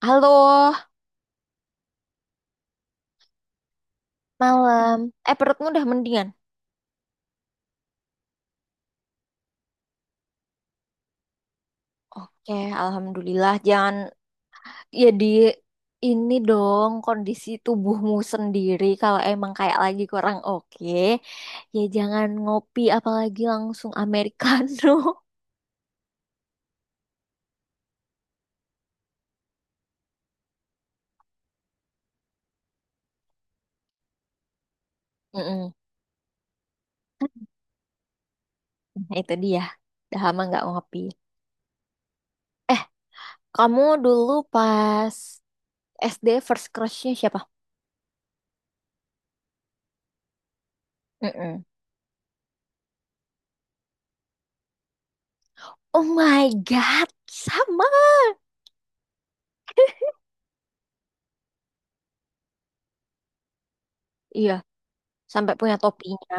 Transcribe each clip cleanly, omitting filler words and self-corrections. Halo, malam. Perutmu udah mendingan? Oke, alhamdulillah. Jangan jadi ini dong kondisi tubuhmu sendiri kalau emang kayak lagi kurang oke. Ya jangan ngopi apalagi langsung americano. Mm-mm. Nah, itu dia. Udah lama nggak ngopi. Eh, kamu dulu pas SD first crushnya siapa? Mm-mm. Oh my God, sama. Iya, sampai punya topinya.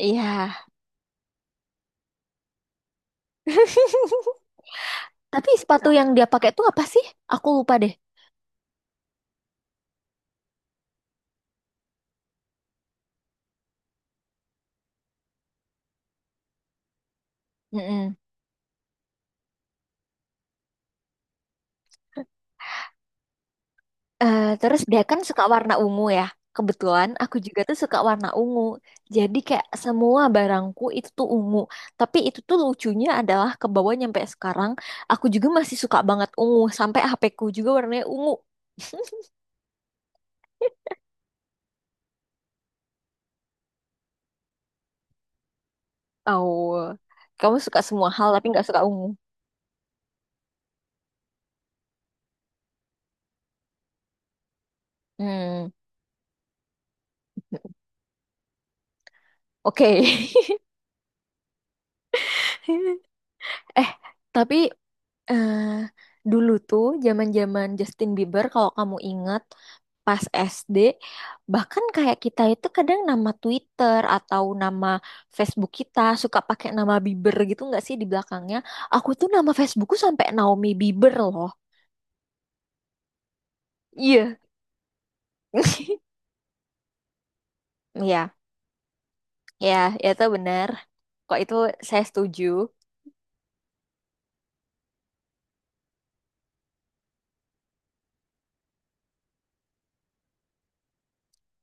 Iya. Tapi sepatu yang dia pakai tuh apa sih? Aku lupa deh. Mm-mm. Terus dia kan suka warna ungu ya. Kebetulan aku juga tuh suka warna ungu. Jadi kayak semua barangku itu tuh ungu. Tapi itu tuh lucunya adalah ke bawah nyampe sekarang aku juga masih suka banget ungu sampai HP-ku juga warnanya ungu. Oh, kamu suka semua hal tapi nggak suka ungu. Hmm, oke. Eh, tapi eh dulu tuh zaman-zaman Justin Bieber kalau kamu ingat pas SD bahkan kayak kita itu kadang nama Twitter atau nama Facebook kita suka pakai nama Bieber gitu nggak sih di belakangnya, aku tuh nama Facebookku sampai Naomi Bieber loh, iya. Iya, ya, ya itu benar. Kok itu saya setuju.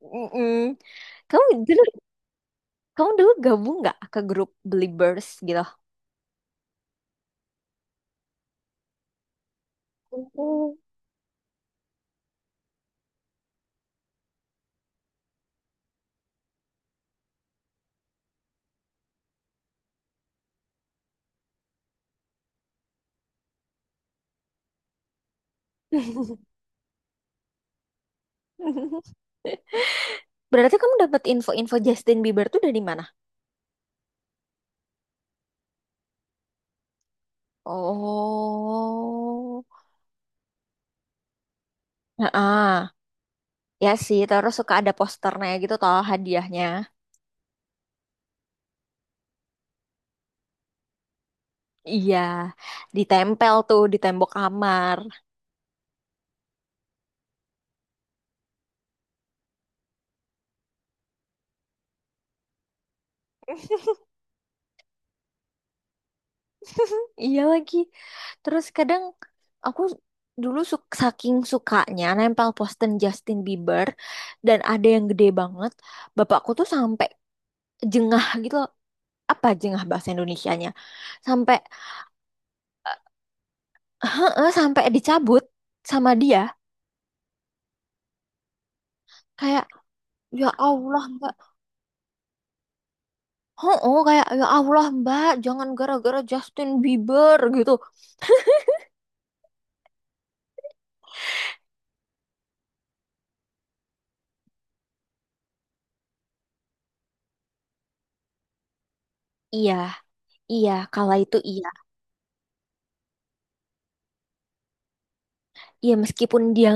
Mm-mm. Kamu dulu, kamu dulu gabung nggak ke grup Beliebers gitu? Mm. Berarti kamu dapat info-info Justin Bieber tuh dari mana? Oh. Heeh. Ya sih, terus suka ada posternya gitu toh hadiahnya. Iya, ditempel tuh di tembok kamar. Iya lagi. Terus kadang aku dulu suk saking sukanya nempel poster Justin Bieber dan ada yang gede banget. Bapakku tuh sampai jengah gitu loh. Apa jengah bahasa Indonesianya? Sampai eh, heeh, sampai dicabut sama dia. Kayak ya Allah Mbak. Oh, oh kayak ya Allah Mbak, jangan gara-gara Justin Bieber gitu. Iya, iya, kala itu iya. Iya meskipun dia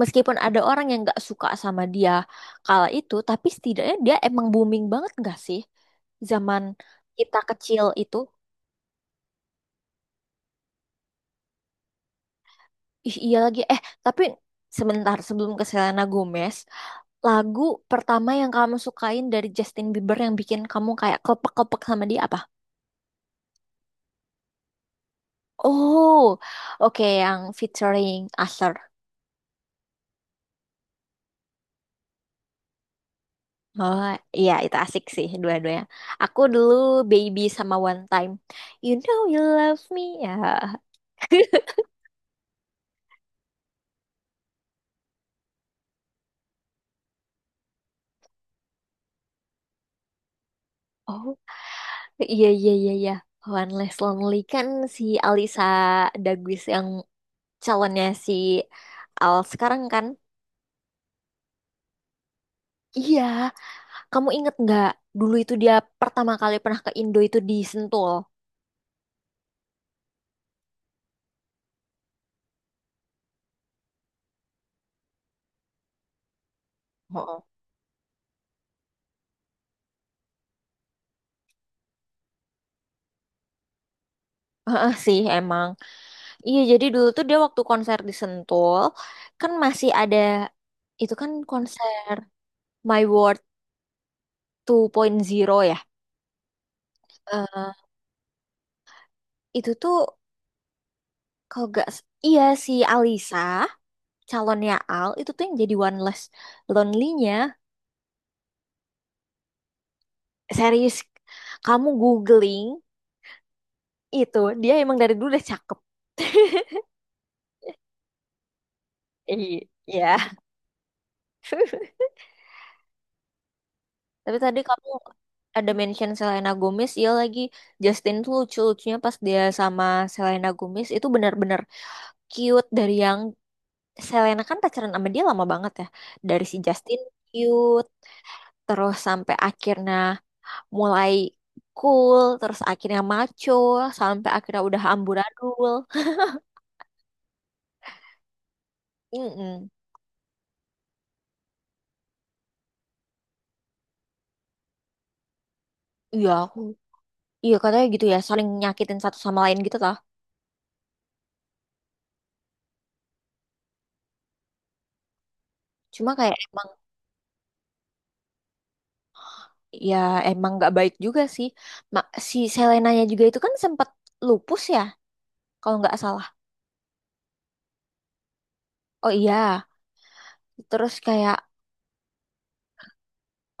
meskipun ada orang yang nggak suka sama dia kala itu, tapi setidaknya dia emang booming banget nggak sih zaman kita kecil itu. Ih, iya lagi. Tapi sebentar sebelum ke Selena Gomez, lagu pertama yang kamu sukain dari Justin Bieber yang bikin kamu kayak kelepek-kelepek sama dia apa? Oh, oke yang featuring Usher. Oh, iya itu asik sih dua-duanya. Aku dulu Baby sama One Time. You know you love me ya. Oh, iya iya iya iya. One Less Lonely kan si Alisa Daguis yang calonnya si Al sekarang kan. Iya, kamu inget nggak dulu itu dia pertama kali pernah ke Indo itu di Sentul. Oh. Heeh sih emang. Iya, jadi dulu tuh dia waktu konser di Sentul, kan masih ada, itu kan konser My World 2.0 ya. Eh, itu tuh kalau gak, s- iya si Alisa, calonnya Al, itu tuh yang jadi One Less Lonely-nya. Serius, kamu googling itu, dia emang dari dulu udah cakep. Iya. Tapi tadi kamu ada mention Selena Gomez, iya lagi Justin tuh lucu-lucunya pas dia sama Selena Gomez itu benar-benar cute dari yang Selena kan pacaran sama dia lama banget ya. Dari si Justin cute, terus sampai akhirnya mulai cool, terus akhirnya maco, sampai akhirnya udah amburadul. Mm-mm. Iya aku, iya katanya gitu ya, saling nyakitin satu sama lain gitu lah. Cuma kayak emang ya emang nggak baik juga sih. Ma- si Selenanya juga itu kan sempat lupus ya, kalau nggak salah. Oh iya, terus kayak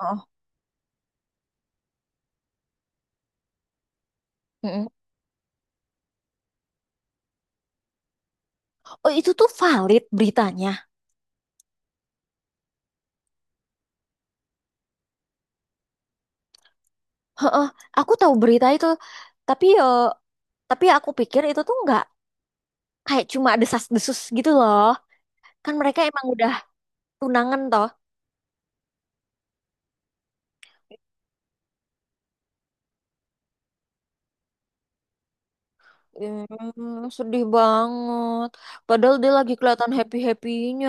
oh, mm-mm. Oh itu tuh valid beritanya. Heeh, aku tahu berita itu, tapi tapi aku pikir itu tuh nggak kayak cuma desas-desus gitu loh. Kan mereka emang udah tunangan toh. Hmm, sedih banget. Padahal dia lagi kelihatan happy-happynya.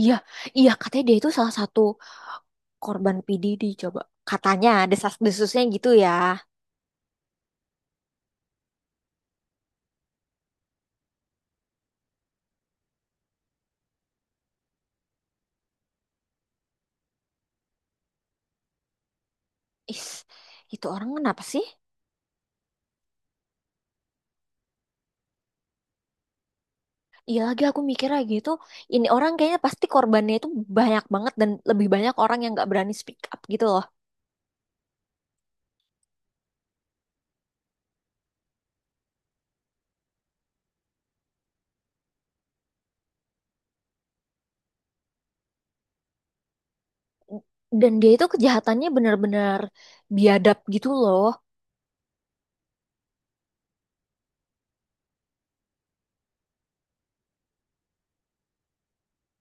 Iya, iya katanya dia itu salah satu korban PDD coba. Katanya desas-desusnya gitu ya. Is, itu orang kenapa sih? Iya lagi aku mikir lagi itu ini orang kayaknya pasti korbannya itu banyak banget dan lebih banyak orang yang nggak berani speak up gitu loh. Dan dia itu kejahatannya benar-benar biadab gitu loh.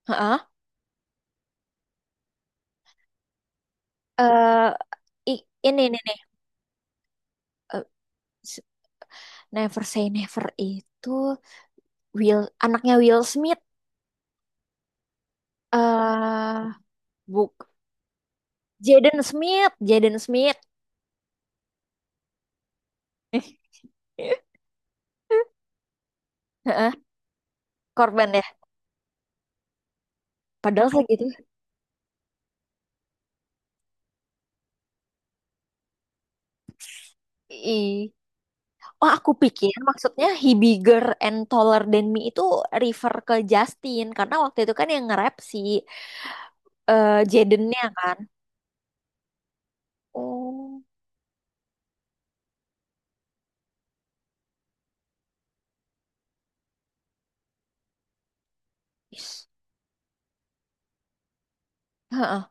Heeh. Eh, i- ini nih, eh, s- Never Say Never itu Will anaknya Will Smith eh buk Jaden Smith, Jaden Smith. Heeh, korban ya. Padahal kayak gitu. I Oh, aku pikir maksudnya he bigger and taller than me itu refer ke Justin karena waktu itu kan yang nge-rap si Jadennya kan. Oh. Is. Heeh.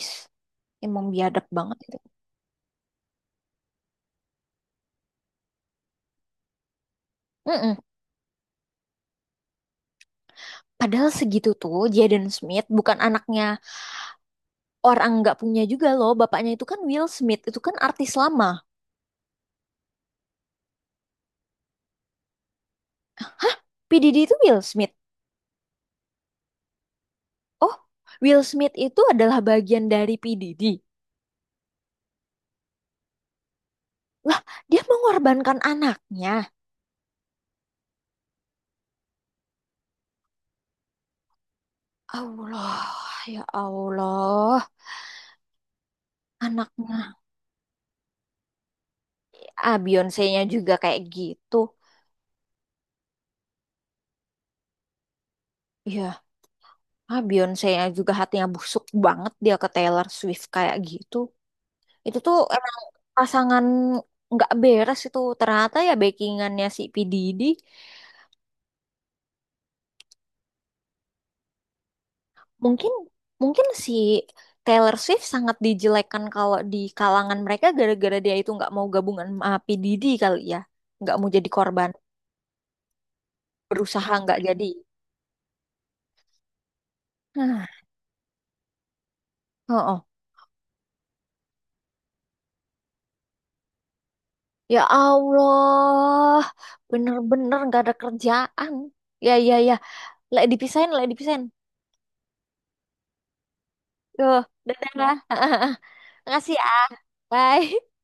Is, emang biadab banget itu. Mm-mm. Padahal segitu tuh Jaden Smith bukan anaknya orang nggak punya juga loh. Bapaknya itu kan Will Smith, itu kan artis lama. P. Diddy itu Will Smith. Oh, Will Smith itu adalah bagian dari P. Diddy. Lah, dia mengorbankan anaknya. Allah, ya Allah. Anaknya. Ah, Beyonce-nya juga kayak gitu. Ya, ah, Beyonce-nya juga hatinya busuk banget dia ke Taylor Swift kayak gitu. Itu tuh emang pasangan nggak beres itu. Ternyata ya backingannya si P. Diddy. Mungkin, mungkin si Taylor Swift sangat dijelekan kalau di kalangan mereka gara-gara dia itu nggak mau gabungan sama P. Diddy kali ya. Nggak mau jadi korban. Berusaha nggak jadi. Nah, oh, oh. Ya Allah, bener-bener nggak ada kerjaan. Ya, ya, ya. Lek dipisahin, lek dipisahin. Tuh, dadah. Makasih ya. Bye.